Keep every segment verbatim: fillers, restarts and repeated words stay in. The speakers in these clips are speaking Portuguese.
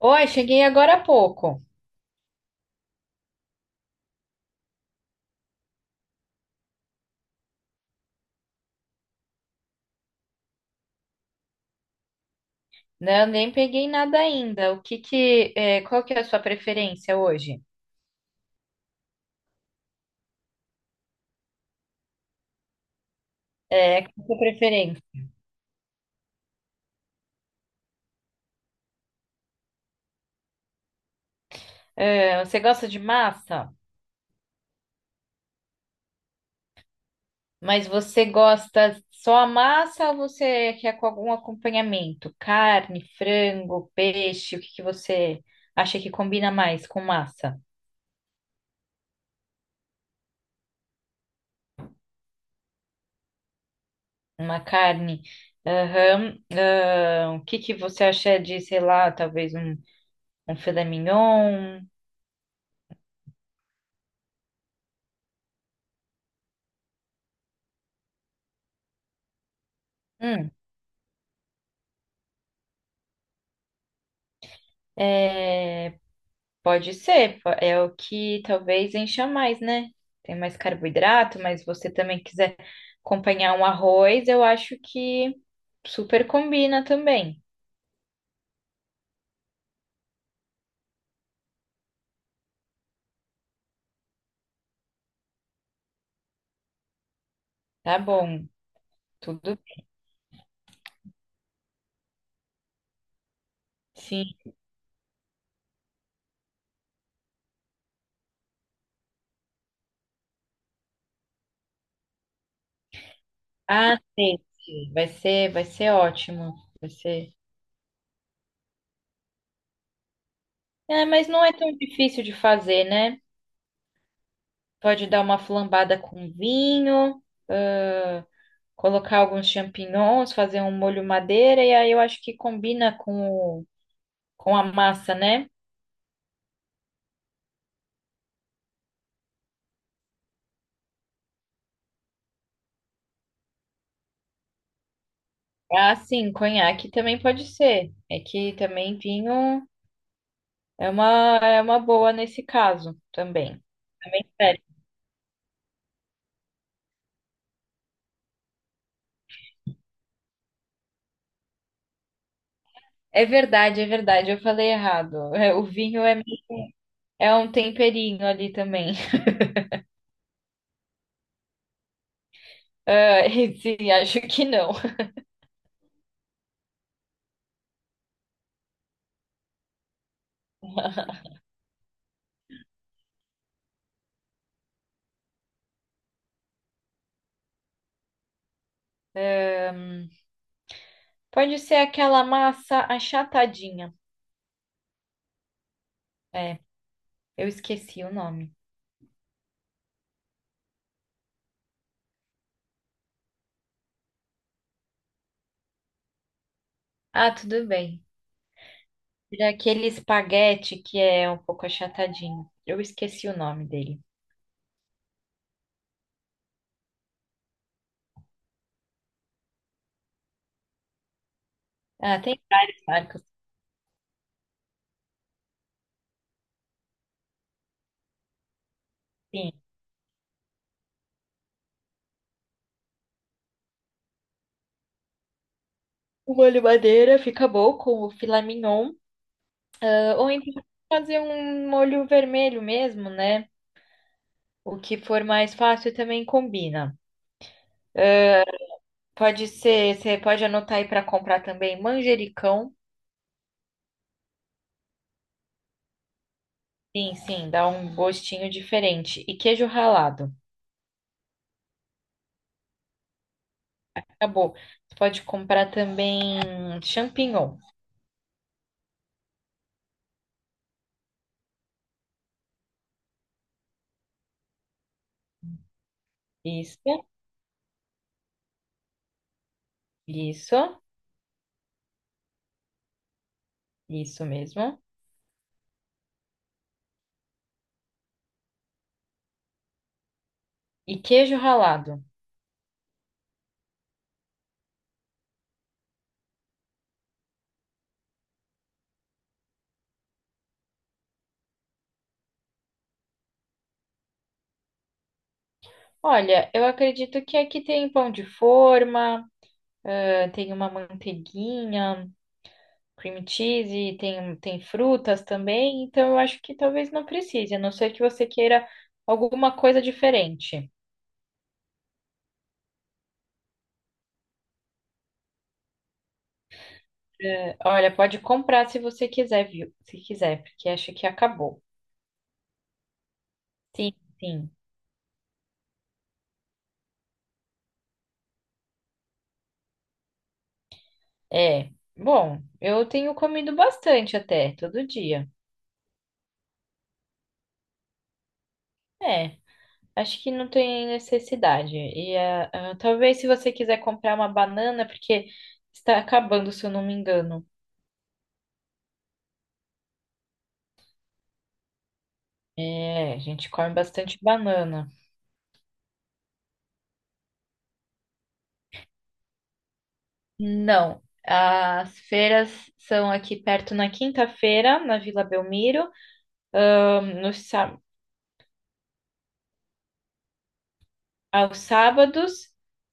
Oi, cheguei agora há pouco, né? Eu nem peguei nada ainda. O que que, é, qual que é a sua preferência hoje? É, qual que é a sua preferência? É, você gosta de massa? Mas você gosta só a massa ou você quer com algum acompanhamento? Carne, frango, peixe? O que que você acha que combina mais com massa? Uma carne? Aham. Ahn, o que que você acha de, sei lá, talvez um, um filé mignon? Hum. É, Pode ser, po- é o que talvez encha mais, né? Tem mais carboidrato, mas você também quiser acompanhar um arroz, eu acho que super combina também. Tá bom, tudo sim. Ah, sei, sei. Vai ser, vai ser ótimo. Vai ser. É, mas não é tão difícil de fazer, né? Pode dar uma flambada com vinho, ah, colocar alguns champignons, fazer um molho madeira, e aí eu acho que combina com, o- com a massa, né? Ah, sim, conhaque também pode ser. É que também vinho é uma, é uma boa nesse caso também. Também serve. É verdade, é verdade, eu falei errado. É, o vinho é, é um temperinho ali também. Ah, esse, acho que não. Pode ser aquela massa achatadinha. É, eu esqueci o nome. Ah, tudo bem. Era aquele espaguete que é um pouco achatadinho. Eu esqueci o nome dele. Ah, tem várias marcas. Sim. O molho madeira fica bom com o filé mignon. Ah, ou então fazer um molho vermelho mesmo, né? O que for mais fácil também combina. Pode ser, você pode anotar aí para comprar também manjericão. Sim, sim, dá um gostinho diferente. E queijo ralado. Acabou. Você pode comprar também champignon. Isso, isso, isso mesmo. E queijo ralado. Olha, eu acredito que aqui tem pão de forma. Ah, tem uma manteiguinha, cream cheese, tem, tem frutas também, então eu acho que talvez não precise, a não ser que você queira alguma coisa diferente. É, olha, pode comprar se você quiser, viu? Se quiser, porque acho que acabou. Sim, sim. É. Bom, eu tenho comido bastante até, todo dia. É, acho que não tem necessidade. E ah, ah, talvez se você quiser comprar uma banana, porque está acabando, se eu não me engano. É, a gente come bastante banana. Não. As feiras são aqui perto na quinta-feira, na Vila Belmiro, nos, sá- aos sábados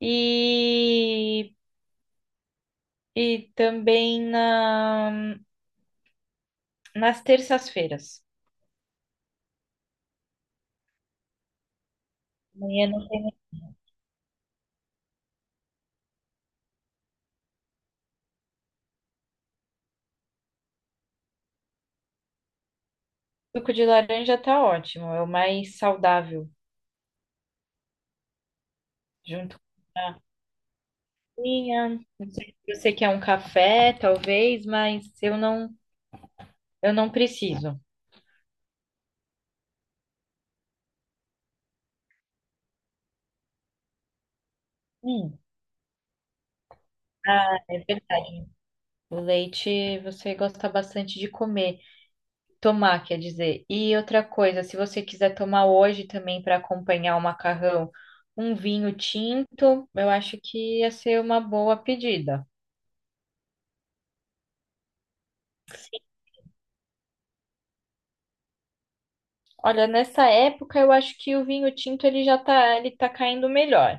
e, e também na, nas terças-feiras. Amanhã não tem suco de laranja, tá ótimo, é o mais saudável, junto com a minha. Não sei se você quer um café, talvez, mas eu não, eu não preciso. Hum, ah, é verdade. O leite você gosta bastante de comer, tomar, quer dizer. E outra coisa, se você quiser tomar hoje também para acompanhar o macarrão, um vinho tinto, eu acho que ia ser uma boa pedida. Olha, nessa época eu acho que o vinho tinto ele já tá, ele tá caindo melhor.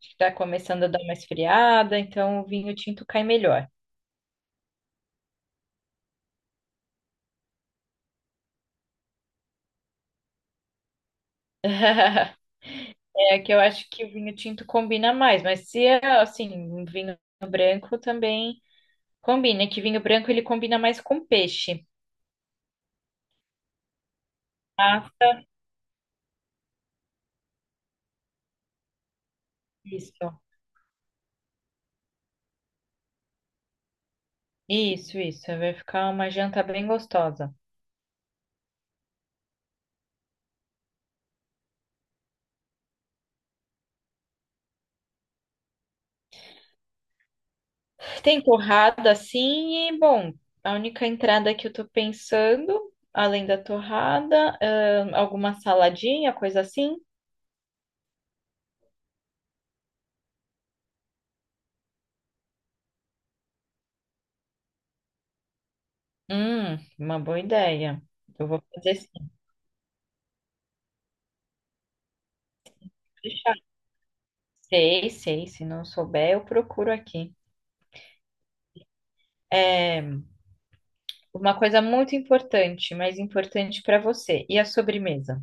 Acho que tá começando a dar uma esfriada, então o vinho tinto cai melhor. É que eu acho que o vinho tinto combina mais, mas se é assim, um vinho branco também combina, que vinho branco ele combina mais com peixe. Ah, isso. Isso, isso. Vai ficar uma janta bem gostosa. Tem torrada, assim, e, bom, a única entrada que eu tô pensando, além da torrada, ahn, alguma saladinha, coisa assim. Hum, uma boa ideia. Eu vou fazer sim. Sei, sei. Se não souber, eu procuro aqui. É uma coisa muito importante, mas importante para você. E a sobremesa?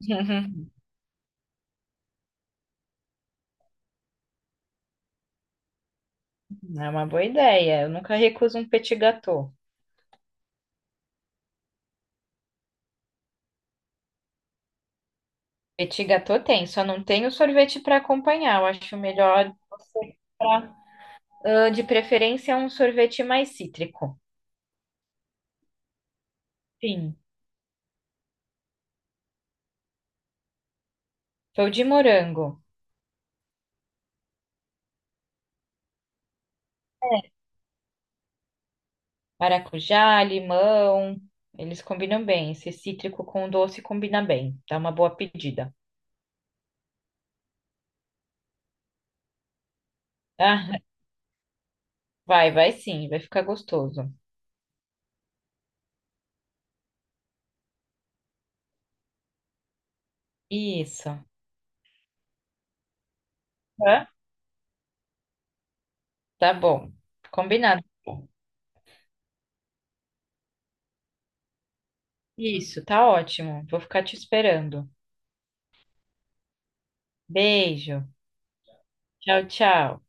É uma boa ideia. Eu nunca recuso um petit gâteau. Petit gâteau tem, só não tem o sorvete para acompanhar. Eu acho melhor você comprar, ah, de preferência, um sorvete mais cítrico. Sim. Foi de morango, maracujá, limão. Eles combinam bem. Esse cítrico com doce combina bem. Dá uma boa pedida. Ah, vai, vai sim, vai ficar gostoso. Isso. Hã? Tá bom. Combinado. Isso, tá ótimo. Vou ficar te esperando. Beijo. Tchau, tchau.